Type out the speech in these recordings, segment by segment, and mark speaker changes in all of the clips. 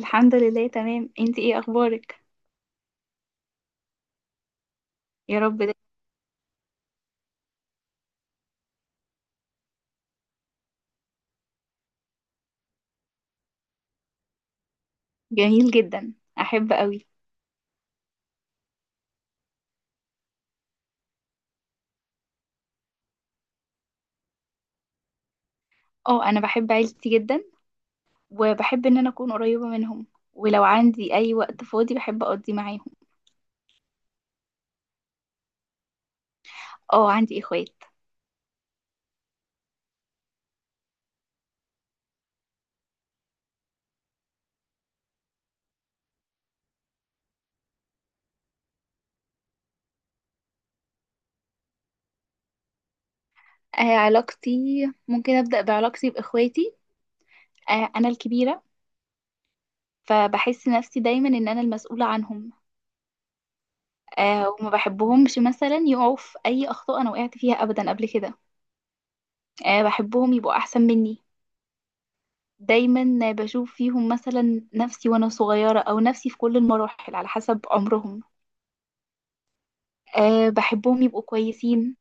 Speaker 1: الحمد لله، تمام. انت ايه اخبارك؟ يا رب. ده جميل جدا، احب قوي. اه، انا بحب عيلتي جدا وبحب ان انا اكون قريبة منهم، ولو عندي اي وقت فاضي بحب اقضي معاهم. اه، عندي اخوات. علاقتي، ممكن ابدا بعلاقتي باخواتي. انا الكبيرة، فبحس نفسي دايما ان انا المسؤولة عنهم. وما بحبهمش مثلا يقعوا في اي اخطاء انا وقعت فيها ابدا قبل كده. بحبهم يبقوا احسن مني. دايما بشوف فيهم مثلا نفسي وانا صغيرة، او نفسي في كل المراحل على حسب عمرهم. بحبهم يبقوا كويسين.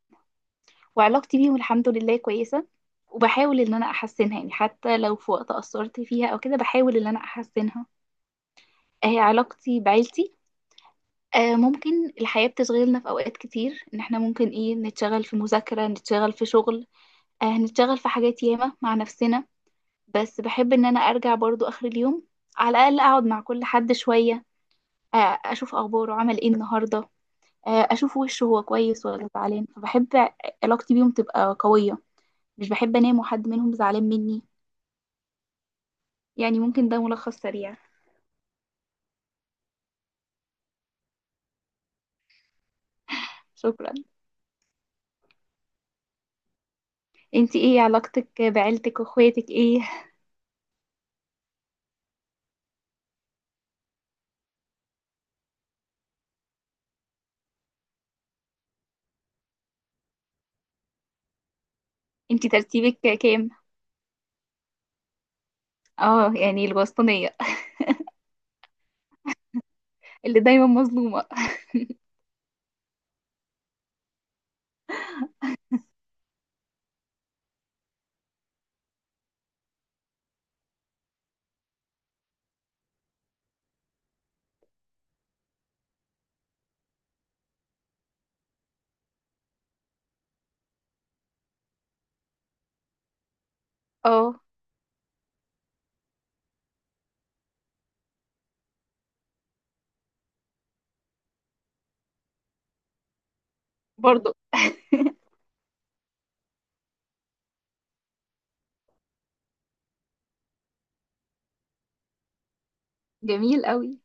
Speaker 1: وعلاقتي بيهم الحمد لله كويسة، وبحاول ان انا احسنها، يعني حتى لو في وقت قصرت فيها او كده بحاول ان انا احسنها. علاقتي بعيلتي، ممكن الحياة بتشغلنا في اوقات كتير، ان احنا ممكن ايه نتشغل في مذاكرة، نتشغل في شغل، نتشغل في حاجات ياما مع نفسنا. بس بحب ان انا ارجع برضو اخر اليوم، على الاقل اقعد مع كل حد شوية. اشوف اخباره عمل ايه النهارده، اشوف وشه هو كويس ولا زعلان، فبحب علاقتي بيهم تبقى قويه. مش بحب انام وحد منهم زعلان مني. يعني ممكن ده ملخص سريع. شكرا. انتي ايه علاقتك بعيلتك واخواتك ايه؟ انتي ترتيبك كام؟ اه، يعني الوسطانيه. اللي دايما مظلومه. اه. برضو. جميل قوي.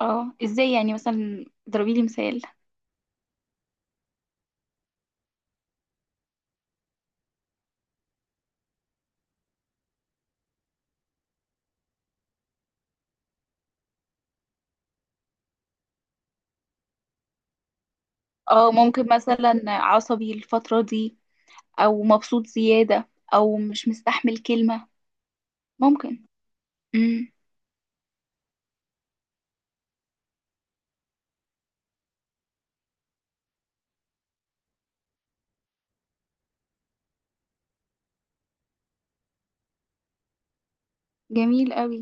Speaker 1: اه، ازاي يعني؟ مثلا ضربي لي مثال. اه، ممكن مثلا عصبي الفتره دي، او مبسوط زياده، او مش مستحمل كلمه. ممكن. امم. جميل قوي.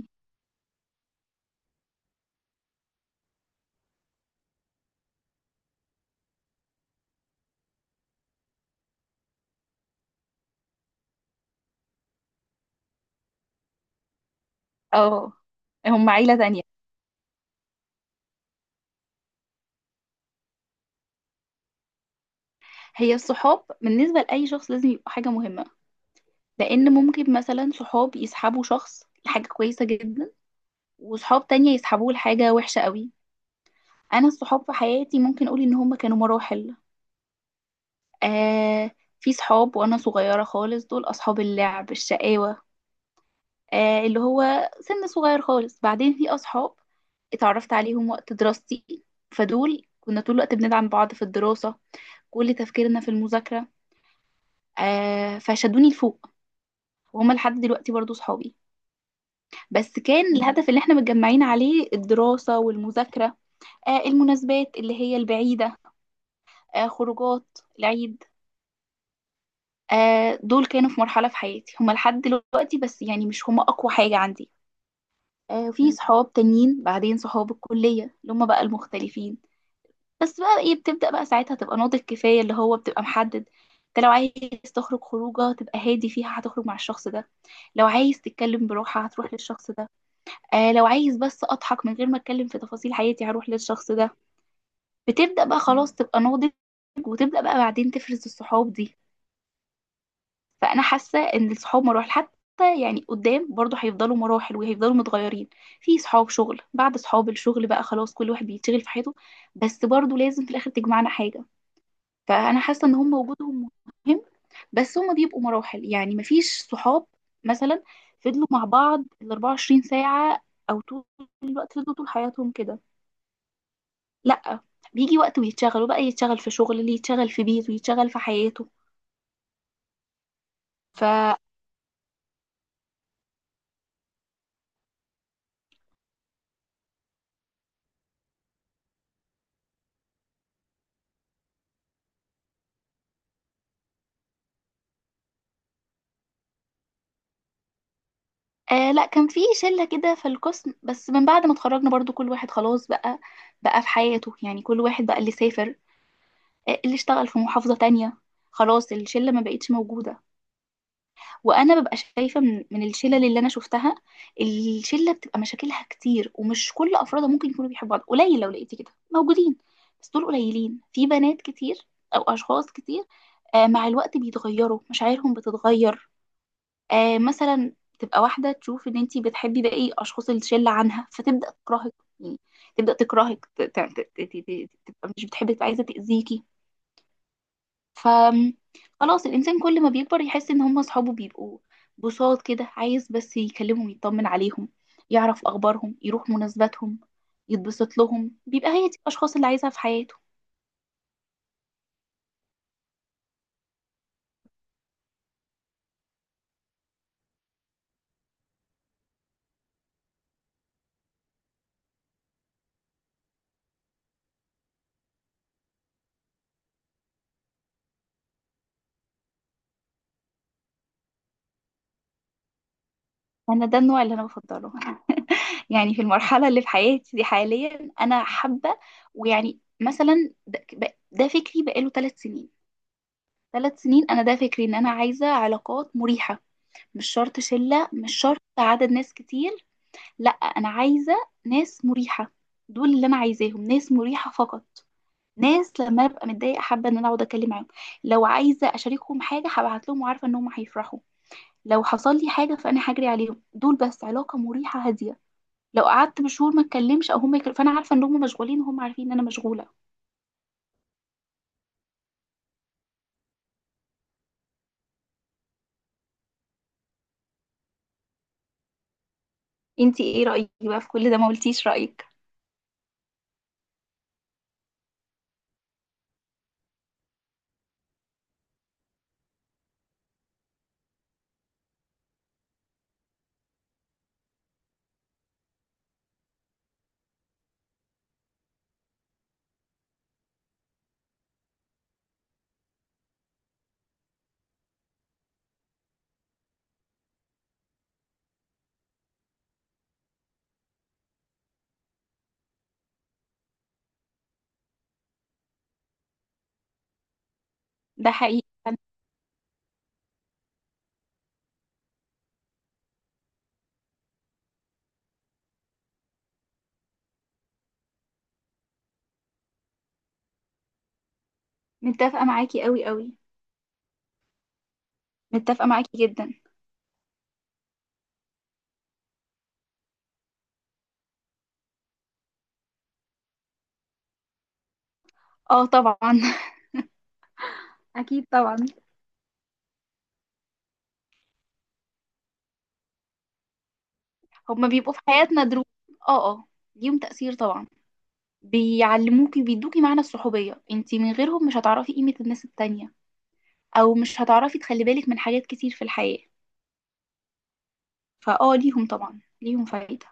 Speaker 1: اه، هم عيلة تانية. هي الصحاب بالنسبة لأي شخص لازم يبقوا حاجة مهمة، لأن ممكن مثلا صحاب يسحبوا شخص لحاجة كويسة جدا، وصحاب تانية يسحبوه لحاجة وحشة قوي. أنا الصحاب في حياتي ممكن أقول إن هم كانوا مراحل. آه في صحاب وأنا صغيرة خالص، دول أصحاب اللعب الشقاوة. اللي هو سن صغير خالص، بعدين في أصحاب اتعرفت عليهم وقت دراستي، فدول كنا طول الوقت بندعم بعض في الدراسة، كل تفكيرنا في المذاكرة. فشدوني لفوق، وهما لحد دلوقتي برضو صحابي. بس كان الهدف اللي احنا متجمعين عليه الدراسة والمذاكرة، المناسبات اللي هي البعيدة، خروجات العيد، دول كانوا في مرحلة في حياتي هما لحد دلوقتي، بس يعني مش هما أقوى حاجة عندي. في صحاب تانيين، بعدين صحاب الكلية اللي هما بقى المختلفين. بس بقى ايه، بتبدأ بقى ساعتها تبقى ناضج كفاية، اللي هو بتبقى محدد. انت لو عايز تخرج خروجه تبقى هادي فيها هتخرج مع الشخص ده، لو عايز تتكلم براحة هتروح للشخص ده، لو عايز بس اضحك من غير ما اتكلم في تفاصيل حياتي هروح للشخص ده. بتبدأ بقى خلاص تبقى ناضج، وتبدأ بقى بعدين تفرز الصحاب دي. فانا حاسة ان الصحاب مراحل، حتى يعني قدام برضه هيفضلوا مراحل وهيفضلوا متغيرين. في صحاب شغل، بعد صحاب الشغل بقى خلاص كل واحد بيتشغل في حياته. بس برضه لازم في الاخر تجمعنا حاجة. فانا حاسه ان هم وجودهم مهم، بس هم بيبقوا مراحل. يعني مفيش صحاب مثلا فضلوا مع بعض ال 24 ساعه، او طول الوقت فضلوا طول حياتهم كده. لا، بيجي وقت ويتشغلوا بقى، يتشغل في شغل، اللي يتشغل في بيته، يتشغل في حياته. ف لا، كان في شله كده في القسم، بس من بعد ما اتخرجنا برضو كل واحد خلاص بقى في حياته، يعني كل واحد بقى اللي سافر، اللي اشتغل في محافظه تانية، خلاص الشله ما بقتش موجوده. وانا ببقى شايفه من الشلل اللي انا شفتها، الشله بتبقى مشاكلها كتير ومش كل افرادها ممكن يكونوا بيحبوا بعض، قليل لو لقيتي كده موجودين، بس دول قليلين في بنات كتير او اشخاص كتير. مع الوقت بيتغيروا، مشاعرهم بتتغير، مثلا تبقى واحده تشوف ان انتي بتحبي باقي اشخاص الشله عنها فتبدا تكرهك، يعني تبدا تكرهك، تبقى مش بتحبك عايزه تاذيكي. ف خلاص الإنسان كل ما بيكبر يحس إن هم أصحابه بيبقوا بساط كده، عايز بس يكلمهم يطمن عليهم، يعرف أخبارهم، يروح مناسباتهم، يتبسط لهم، بيبقى هي دي الأشخاص اللي عايزها في حياته. أنا ده النوع اللي أنا بفضله. يعني في المرحلة اللي في حياتي دي حاليا أنا حابة، ويعني مثلا ده فكري بقاله 3 سنين. 3 سنين أنا ده فكري إن أنا عايزة علاقات مريحة. مش شرط شلة، مش شرط عدد ناس كتير. لا، انا عايزه ناس مريحه. دول اللي انا عايزاهم، ناس مريحه فقط. ناس لما ابقى متضايقه حابه ان انا اقعد اتكلم معاهم، لو عايزه اشاركهم حاجه هبعت لهم وعارفه ان هم هيفرحوا، لو حصل لي حاجه فانا هجري عليهم. دول بس علاقه مريحه هاديه، لو قعدت بشهور ما اتكلمش او هم يكلم فانا عارفه ان هم مشغولين وهم عارفين ان انا مشغوله. انتي ايه رايك بقى في كل ده؟ ما قلتيش رايك. ده حقيقي. متفقه معاكي قوي قوي. متفقه معاكي جدا. اه، طبعا. اكيد طبعا. هما بيبقوا في حياتنا دروس. اه، اه. ليهم تأثير طبعا. بيعلموكي، بيدوكي معنى الصحوبية، انتي من غيرهم مش هتعرفي قيمة الناس التانية، او مش هتعرفي تخلي بالك من حاجات كتير في الحياة. فاه، ليهم طبعا، ليهم فايدة.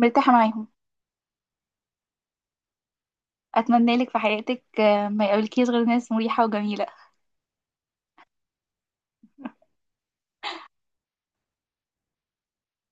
Speaker 1: مرتاحة معاهم. اتمنى لك في حياتك ما يقابلكيش غير ناس مريحة وجميلة.